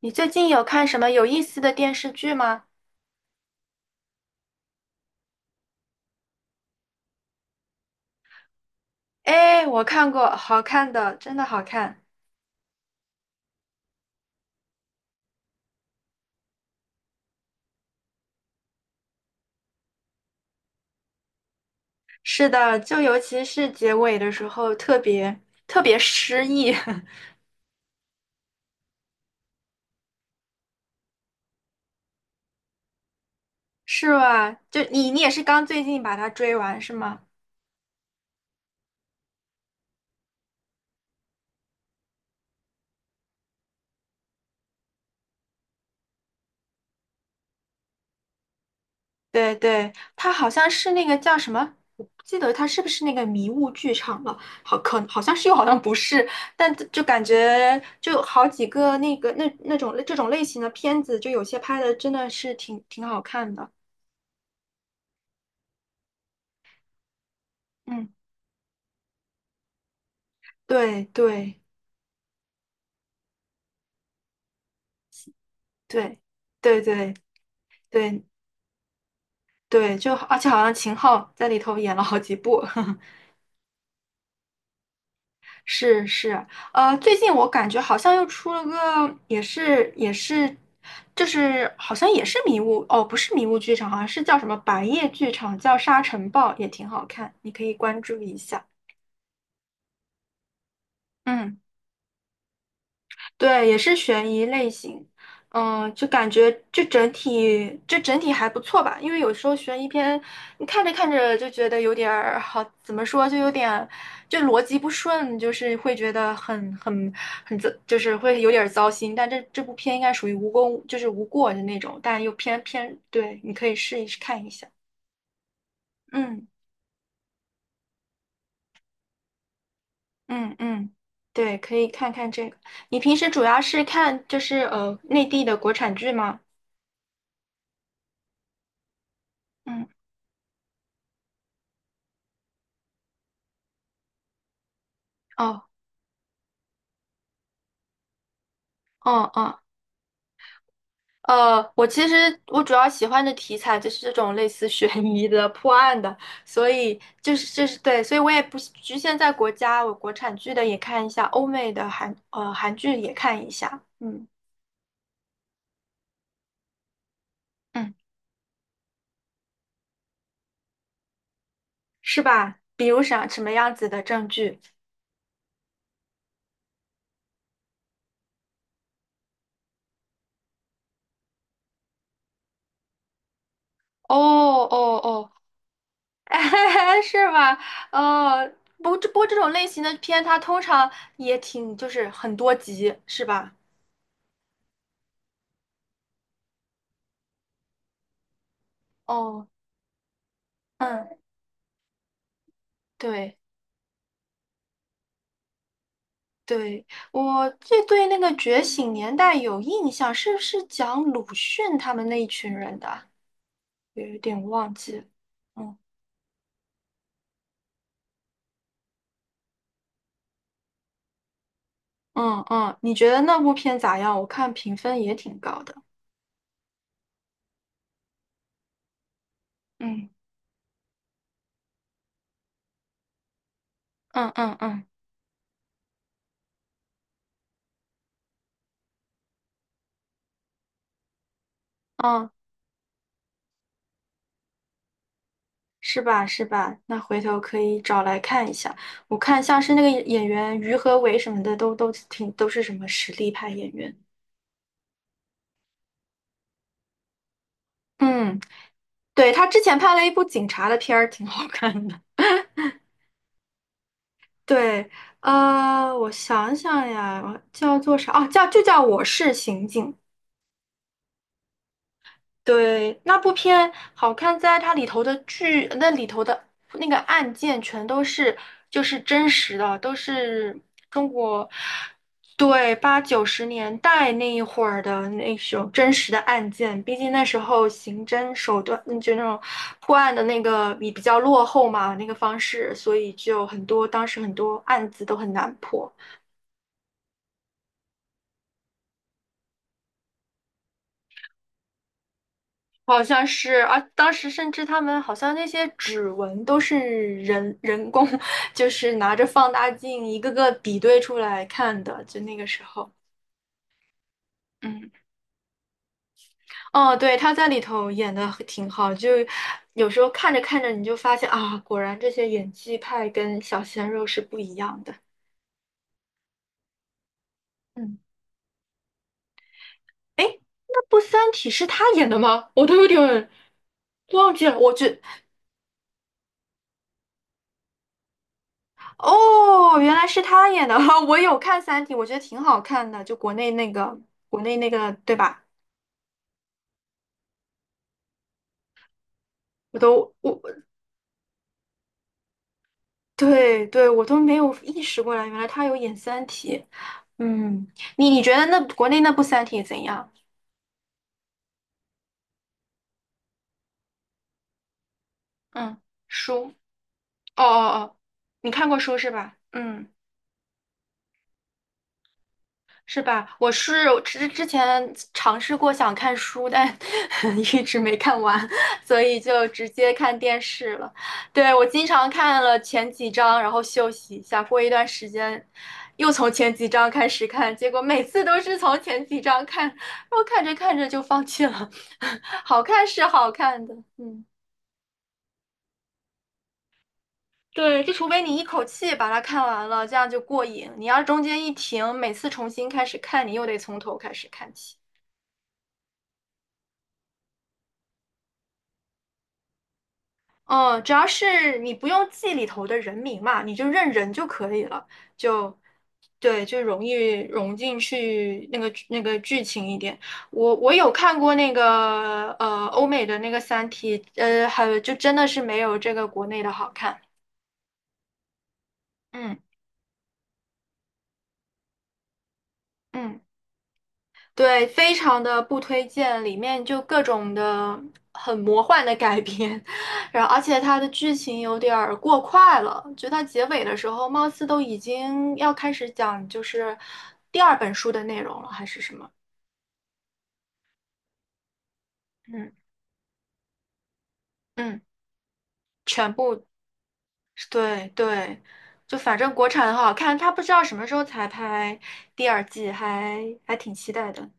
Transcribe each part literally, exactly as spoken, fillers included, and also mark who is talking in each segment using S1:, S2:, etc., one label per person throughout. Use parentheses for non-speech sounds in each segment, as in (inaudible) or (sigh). S1: 你最近有看什么有意思的电视剧吗？哎，我看过，好看的，真的好看。是的，就尤其是结尾的时候，特别特别诗意，(laughs) 是吧？就你你也是刚最近把它追完是吗？对对，它好像是那个叫什么，我不记得它是不是那个迷雾剧场了，好可好像是又好像不是，但就感觉就好几个那个那那种这种类型的片子，就有些拍的真的是挺挺好看的，嗯。对对对对对对对，就而且好像秦昊在里头演了好几部，(laughs) 是是，呃，最近我感觉好像又出了个，也是也是，就是好像也是迷雾，哦，不是迷雾剧场，好像是叫什么白夜剧场，叫《沙尘暴》，也挺好看，你可以关注一下。嗯。对，也是悬疑类型，嗯，就感觉就整体就整体还不错吧，因为有时候悬疑片你看着看着就觉得有点儿好，怎么说就有点就逻辑不顺，就是会觉得很很很糟，就是会有点儿糟心。但这这部片应该属于无功，就是无过的那种，但又偏偏对，你可以试一试看一下。嗯嗯嗯，对，可以看看这个。你平时主要是看就是呃内地的国产剧吗？嗯。哦。嗯嗯，呃，我其实我主要喜欢的题材就是这种类似悬疑的、破案的，所以就是就是对，所以我也不局限在国家，我国产剧的也看一下，欧美的韩呃韩剧也看一下，嗯嗯，是吧？比如啥什么样子的证据？哦哦哦，(laughs) 是吧？呃，不，这不过这种类型的片它通常也挺就是很多集，是吧？哦，嗯，对。对，我这对那个《觉醒年代》有印象，是不是讲鲁迅他们那一群人的啊？有点忘记了。嗯嗯嗯，你觉得那部片咋样？我看评分也挺高的。嗯嗯嗯嗯嗯，是吧是吧？那回头可以找来看一下。我看像是那个演员于和伟什么的，都都挺都是什么实力派演员。嗯，对，他之前拍了一部警察的片儿，挺好看的。对，呃，我想想呀，叫做啥？哦，叫就叫《我是刑警》。对，那部片好看在它里头的剧，那里头的那个案件全都是就是真实的，都是中国对八九十年代那一会儿的那种真实的案件。毕竟那时候刑侦手段，嗯就那种破案的那个比比较落后嘛，那个方式，所以就很多当时很多案子都很难破。好像是啊，当时甚至他们好像那些指纹都是人人工，(laughs) 就是拿着放大镜一个个比对出来看的，就那个时候。嗯，哦，对，他在里头演的挺好，就有时候看着看着你就发现啊，果然这些演技派跟小鲜肉是不一样的。嗯，哎，那部《三体》是他演的吗？我都有点忘记了，我觉哦，原来是他演的，(laughs) 我有看《三体》，我觉得挺好看的，就国内那个，国内那个，对吧？我都我对对，我都没有意识过来，原来他有演《三体》。嗯，你你觉得那国内那部《三体》怎样？嗯，书，哦哦哦，你看过书是吧？嗯。是吧？我是之之前尝试过想看书，但 (laughs) 一直没看完，所以就直接看电视了。对，我经常看了前几章，然后休息一下，过一段时间又从前几章开始看，结果每次都是从前几章看，然后看着看着就放弃了。(laughs) 好看是好看的，嗯。对，就除非你一口气把它看完了，这样就过瘾。你要中间一停，每次重新开始看，你又得从头开始看起。哦，主要是你不用记里头的人名嘛，你就认人就可以了，就对，就容易融进去那个剧那个剧情一点。我我有看过那个呃欧美的那个《三体》，呃，还有就真的是没有这个国内的好看。嗯嗯。对，非常的不推荐，里面就各种的很魔幻的改编，(laughs) 然后而且它的剧情有点儿过快了，就它结尾的时候，貌似都已经要开始讲就是第二本书的内容了，还是什么？嗯嗯，全部对对，就反正国产很好看，它不知道什么时候才拍第二季，还还挺期待的。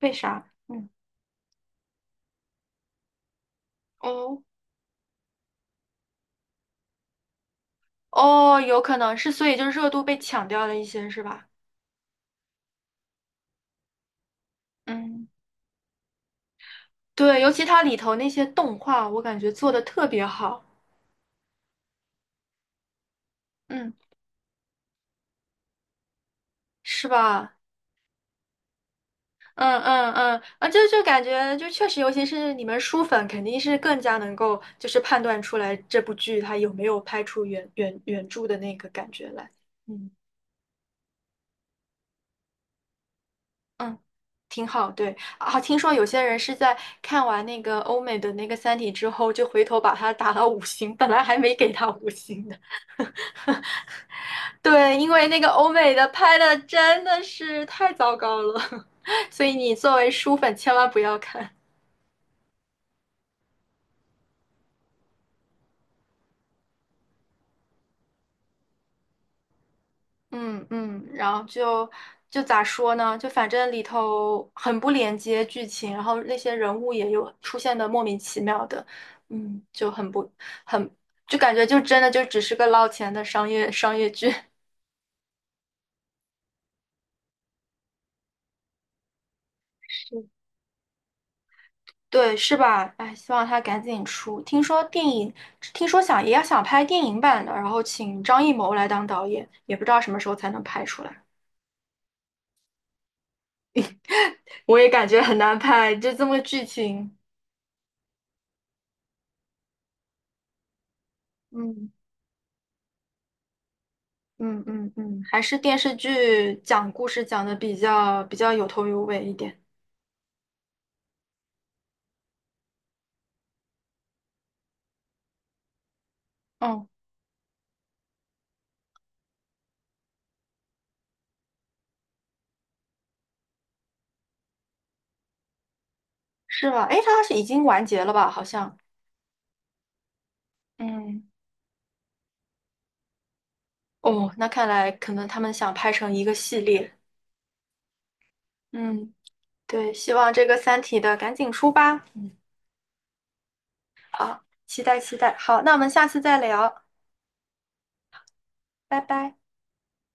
S1: 为啥？嗯，哦哦，有可能是，所以就热度被抢掉了一些，是吧？嗯。对，尤其它里头那些动画，我感觉做的特别好，嗯，是吧？嗯嗯嗯，啊，就就感觉就确实，尤其是你们书粉，肯定是更加能够就是判断出来这部剧它有没有拍出原原原著的那个感觉来。嗯嗯，挺好。对啊，听说有些人是在看完那个欧美的那个《三体》之后，就回头把它打了五星，本来还没给它五星的。对，因为那个欧美的拍的真的是太糟糕了，(laughs) 所以你作为书粉千万不要看。嗯嗯，然后就就咋说呢？就反正里头很不连接剧情，然后那些人物也有出现的莫名其妙的，嗯，就很不很就感觉就真的就只是个捞钱的商业商业剧。(laughs) 对，是吧？哎，希望他赶紧出。听说电影，听说想也要想拍电影版的，然后请张艺谋来当导演，也不知道什么时候才能拍出来。我也感觉很难拍，就这么个剧情。嗯嗯嗯嗯，还是电视剧讲故事讲的比较比较有头有尾一点。嗯，是吧？诶，它是已经完结了吧？好像。嗯，哦，那看来可能他们想拍成一个系列。嗯，对，希望这个《三体》的赶紧出吧。啊，期待期待。好，那我们下次再聊，拜拜。